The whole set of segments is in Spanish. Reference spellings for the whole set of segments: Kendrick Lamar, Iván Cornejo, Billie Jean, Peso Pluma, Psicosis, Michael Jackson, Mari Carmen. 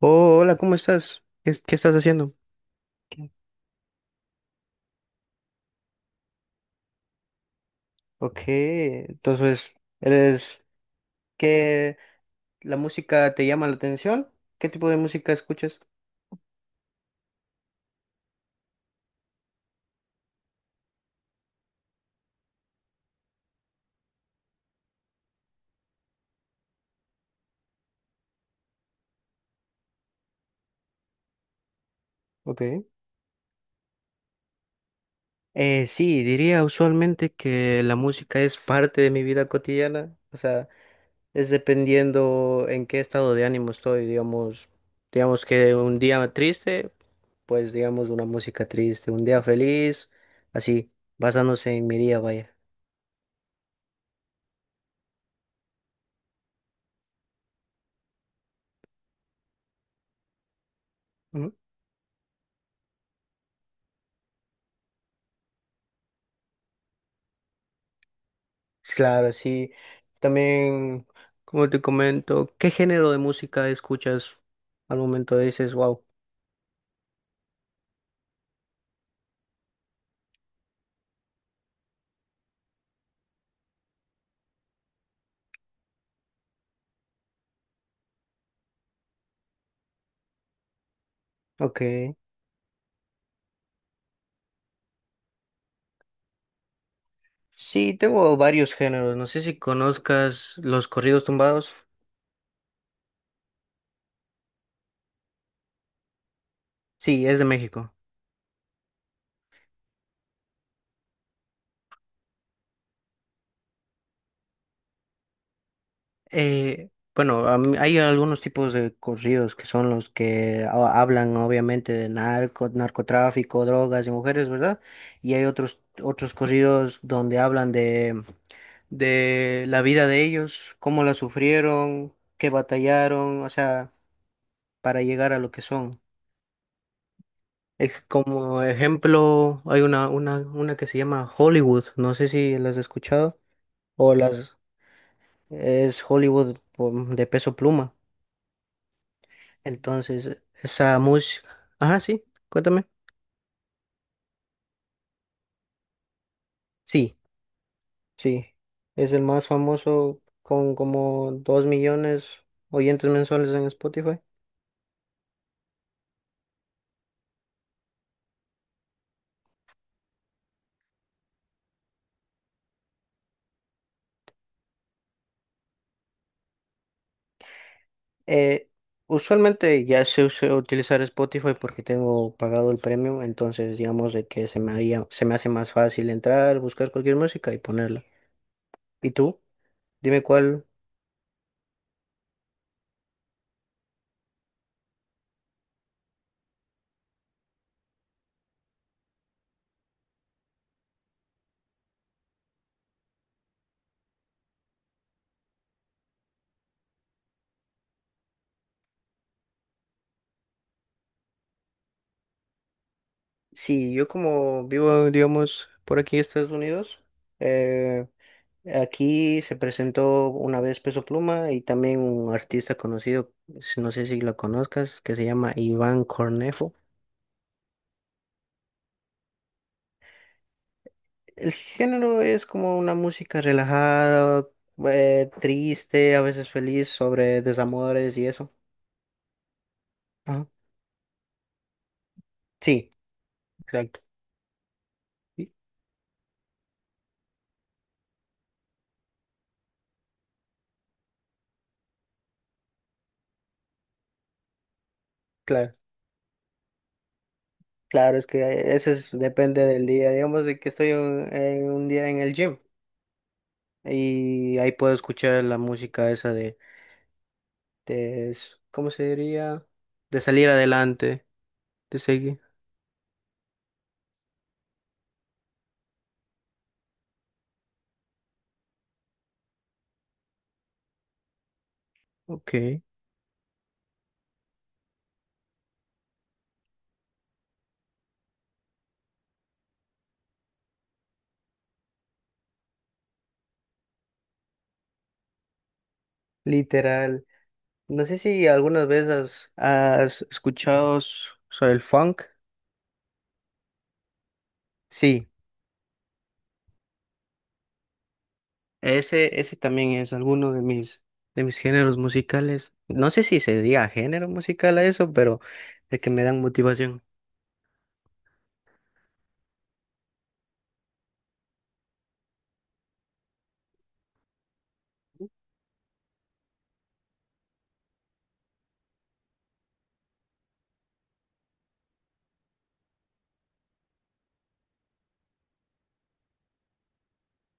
Oh, hola, ¿cómo estás? ¿Qué estás haciendo? ¿Qué? Ok, entonces, ¿eres que la música te llama la atención? ¿Qué tipo de música escuchas? Ok. Sí, diría usualmente que la música es parte de mi vida cotidiana, o sea, es dependiendo en qué estado de ánimo estoy, digamos que un día triste, pues digamos una música triste, un día feliz, así, basándose en mi día, vaya. Claro, sí. También, como te comento, ¿qué género de música escuchas al momento dices, wow? Ok. Sí, tengo varios géneros. No sé si conozcas los corridos tumbados. Sí, es de México. Eh, bueno, hay algunos tipos de corridos que son los que hablan obviamente de narco, narcotráfico, drogas y mujeres, ¿verdad? Y hay otros corridos donde hablan de la vida de ellos, cómo la sufrieron, qué batallaron, o sea, para llegar a lo que son. Como ejemplo, hay una que se llama Hollywood, no sé si las has escuchado, o las es Hollywood de Peso Pluma. Entonces, esa música, ajá, sí, cuéntame. Sí, sí, es el más famoso con como 2 millones oyentes mensuales en Spotify. Eh, Usualmente ya sé utilizar Spotify porque tengo pagado el premium, entonces digamos de que se me haría, se me hace más fácil entrar, buscar cualquier música y ponerla. ¿Y tú? Dime cuál. Sí, yo como vivo, digamos, por aquí en Estados Unidos, eh, aquí se presentó una vez Peso Pluma y también un artista conocido, no sé si lo conozcas, que se llama Iván Cornejo. El género es como una música relajada, triste, a veces feliz, sobre desamores y eso. Ajá. Sí, exacto. Sí, claro. Claro, es que eso depende del día. Digamos de que estoy en un día en el gym y ahí puedo escuchar la música esa ¿cómo se diría? De salir adelante, de seguir. Ok, literal. No sé si algunas veces has escuchado sobre el funk. Sí. Ese también es alguno de mis géneros musicales. No sé si se diga género musical a eso, pero de que me dan motivación.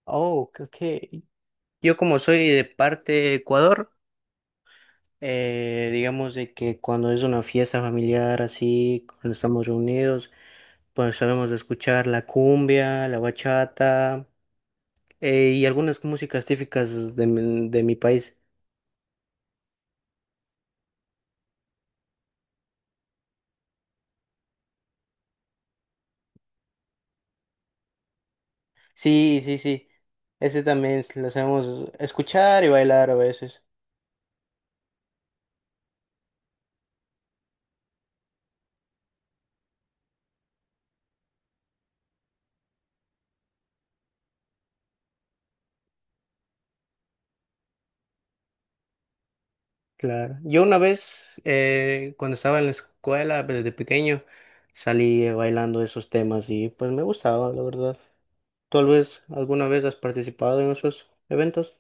Oh, creo que yo como soy de parte de Ecuador, digamos de que cuando es una fiesta familiar así, cuando estamos reunidos, pues sabemos de escuchar la cumbia, la bachata, y algunas músicas típicas de mi país. Sí, sí, sí. Ese también lo sabemos escuchar y bailar a veces. Claro. Yo una vez, cuando estaba en la escuela, desde pequeño, salí bailando esos temas y pues me gustaba, la verdad. Tal vez alguna vez has participado en esos eventos.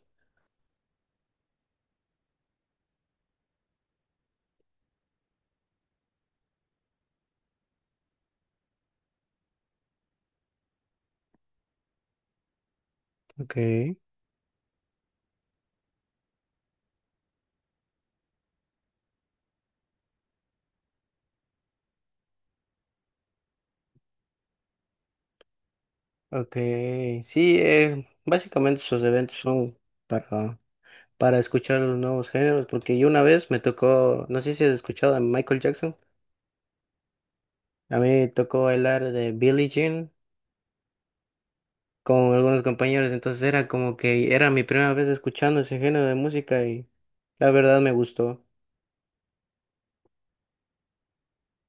Okay. Okay. Sí, básicamente esos eventos son para, para escuchar los nuevos géneros, porque yo una vez me tocó, no sé si has escuchado a Michael Jackson, a mí me tocó bailar de Billie Jean con algunos compañeros, entonces era como que era mi primera vez escuchando ese género de música y la verdad me gustó.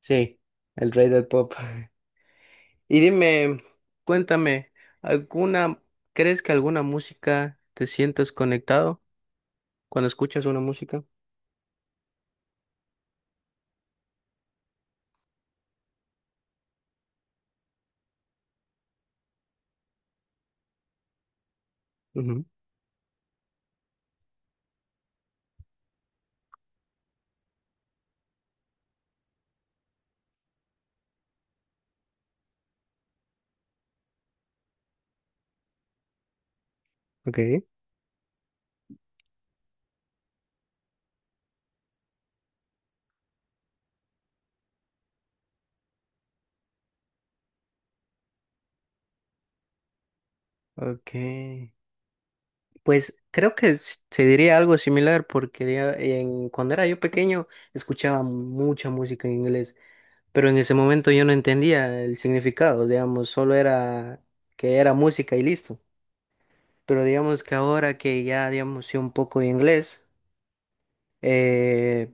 Sí, el rey del pop. Y dime, cuéntame, ¿alguna, crees que alguna música te sientas conectado cuando escuchas una música? Ujú. Ok. Ok. Pues creo que se diría algo similar porque ya cuando era yo pequeño escuchaba mucha música en inglés. Pero en ese momento yo no entendía el significado, digamos, solo era que era música y listo. Pero digamos que ahora que ya, digamos, sé un poco de inglés, eh,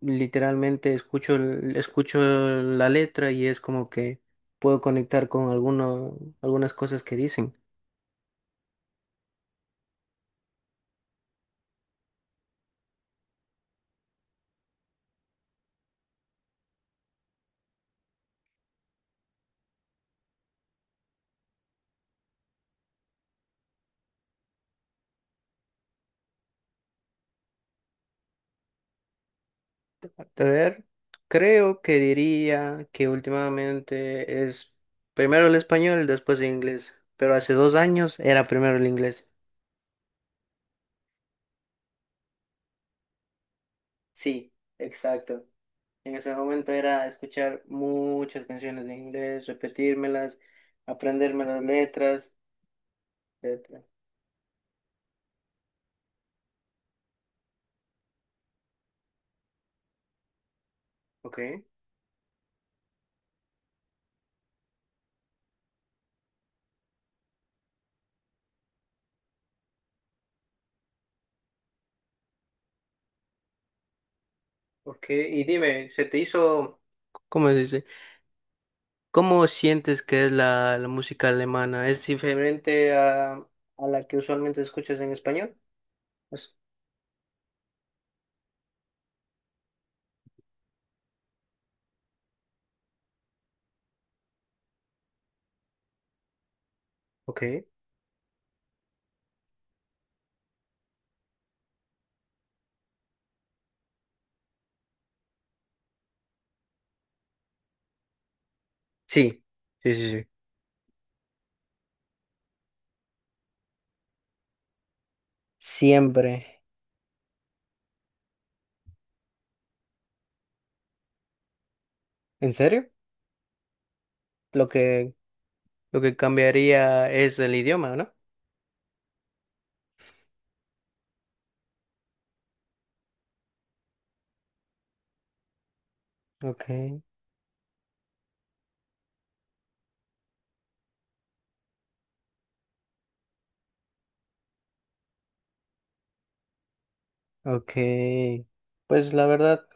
literalmente escucho, escucho la letra y es como que puedo conectar con algunas cosas que dicen. A ver, creo que diría que últimamente es primero el español, después el inglés, pero hace 2 años era primero el inglés. Sí, exacto. En ese momento era escuchar muchas canciones en inglés, repetírmelas, aprenderme las letras, etcétera. Ok, ok. Y dime, ¿se te hizo, cómo se dice? ¿Cómo sientes que es la música alemana? ¿Es diferente a la que usualmente escuchas en español? Pues, ok. Sí, sí, sí, sí. Siempre. ¿En serio? Lo que, lo que cambiaría es el idioma, ¿no? Ok, ok. Pues la verdad.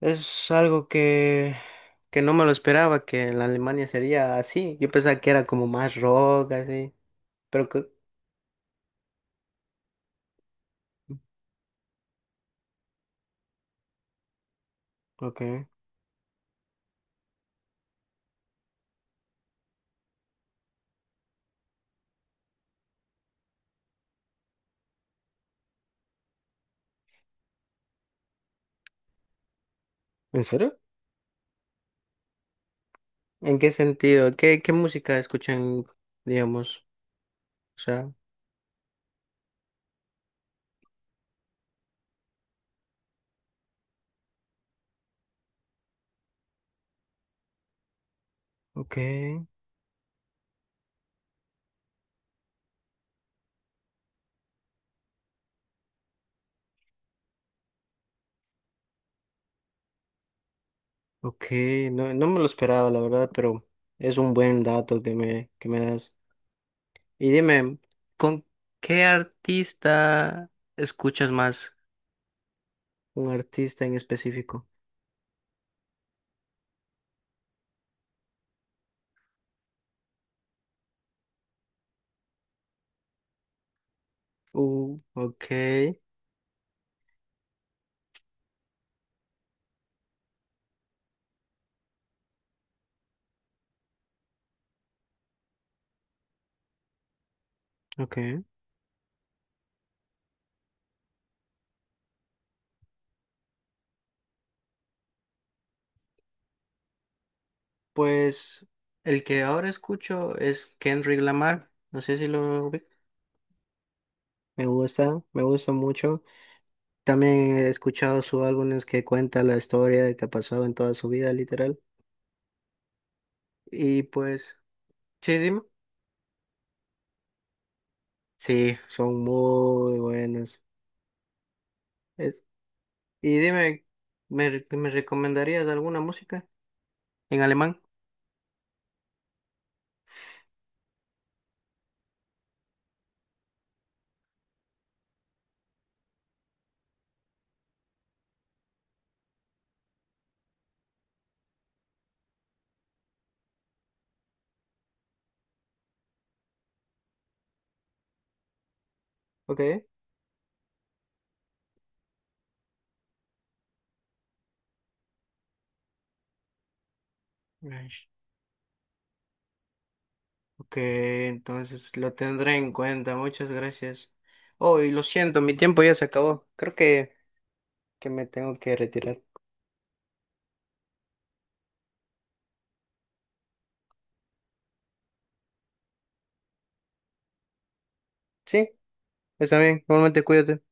Es algo que no me lo esperaba, que en la Alemania sería así. Yo pensaba que era como más rock, así. Pero que... Ok. ¿En serio? ¿En qué sentido? ¿Qué música escuchan, digamos? O sea, ok, ok. No, no me lo esperaba, la verdad, pero es un buen dato que me das. Y dime, ¿con qué artista escuchas más? ¿Un artista en específico? Ok, ok. Pues el que ahora escucho es Kendrick Lamar, no sé si lo ubico. Me gusta mucho. También he escuchado sus álbumes que cuenta la historia de que ha pasado en toda su vida, literal. Y pues, sí, dime. Sí, son muy buenos. Es- y dime, me recomendarías alguna música en alemán? Ok. Nice. Ok, entonces lo tendré en cuenta, muchas gracias. Oh, y lo siento, mi tiempo ya se acabó. Creo que me tengo que retirar. Sí, está bien, igualmente cuídate.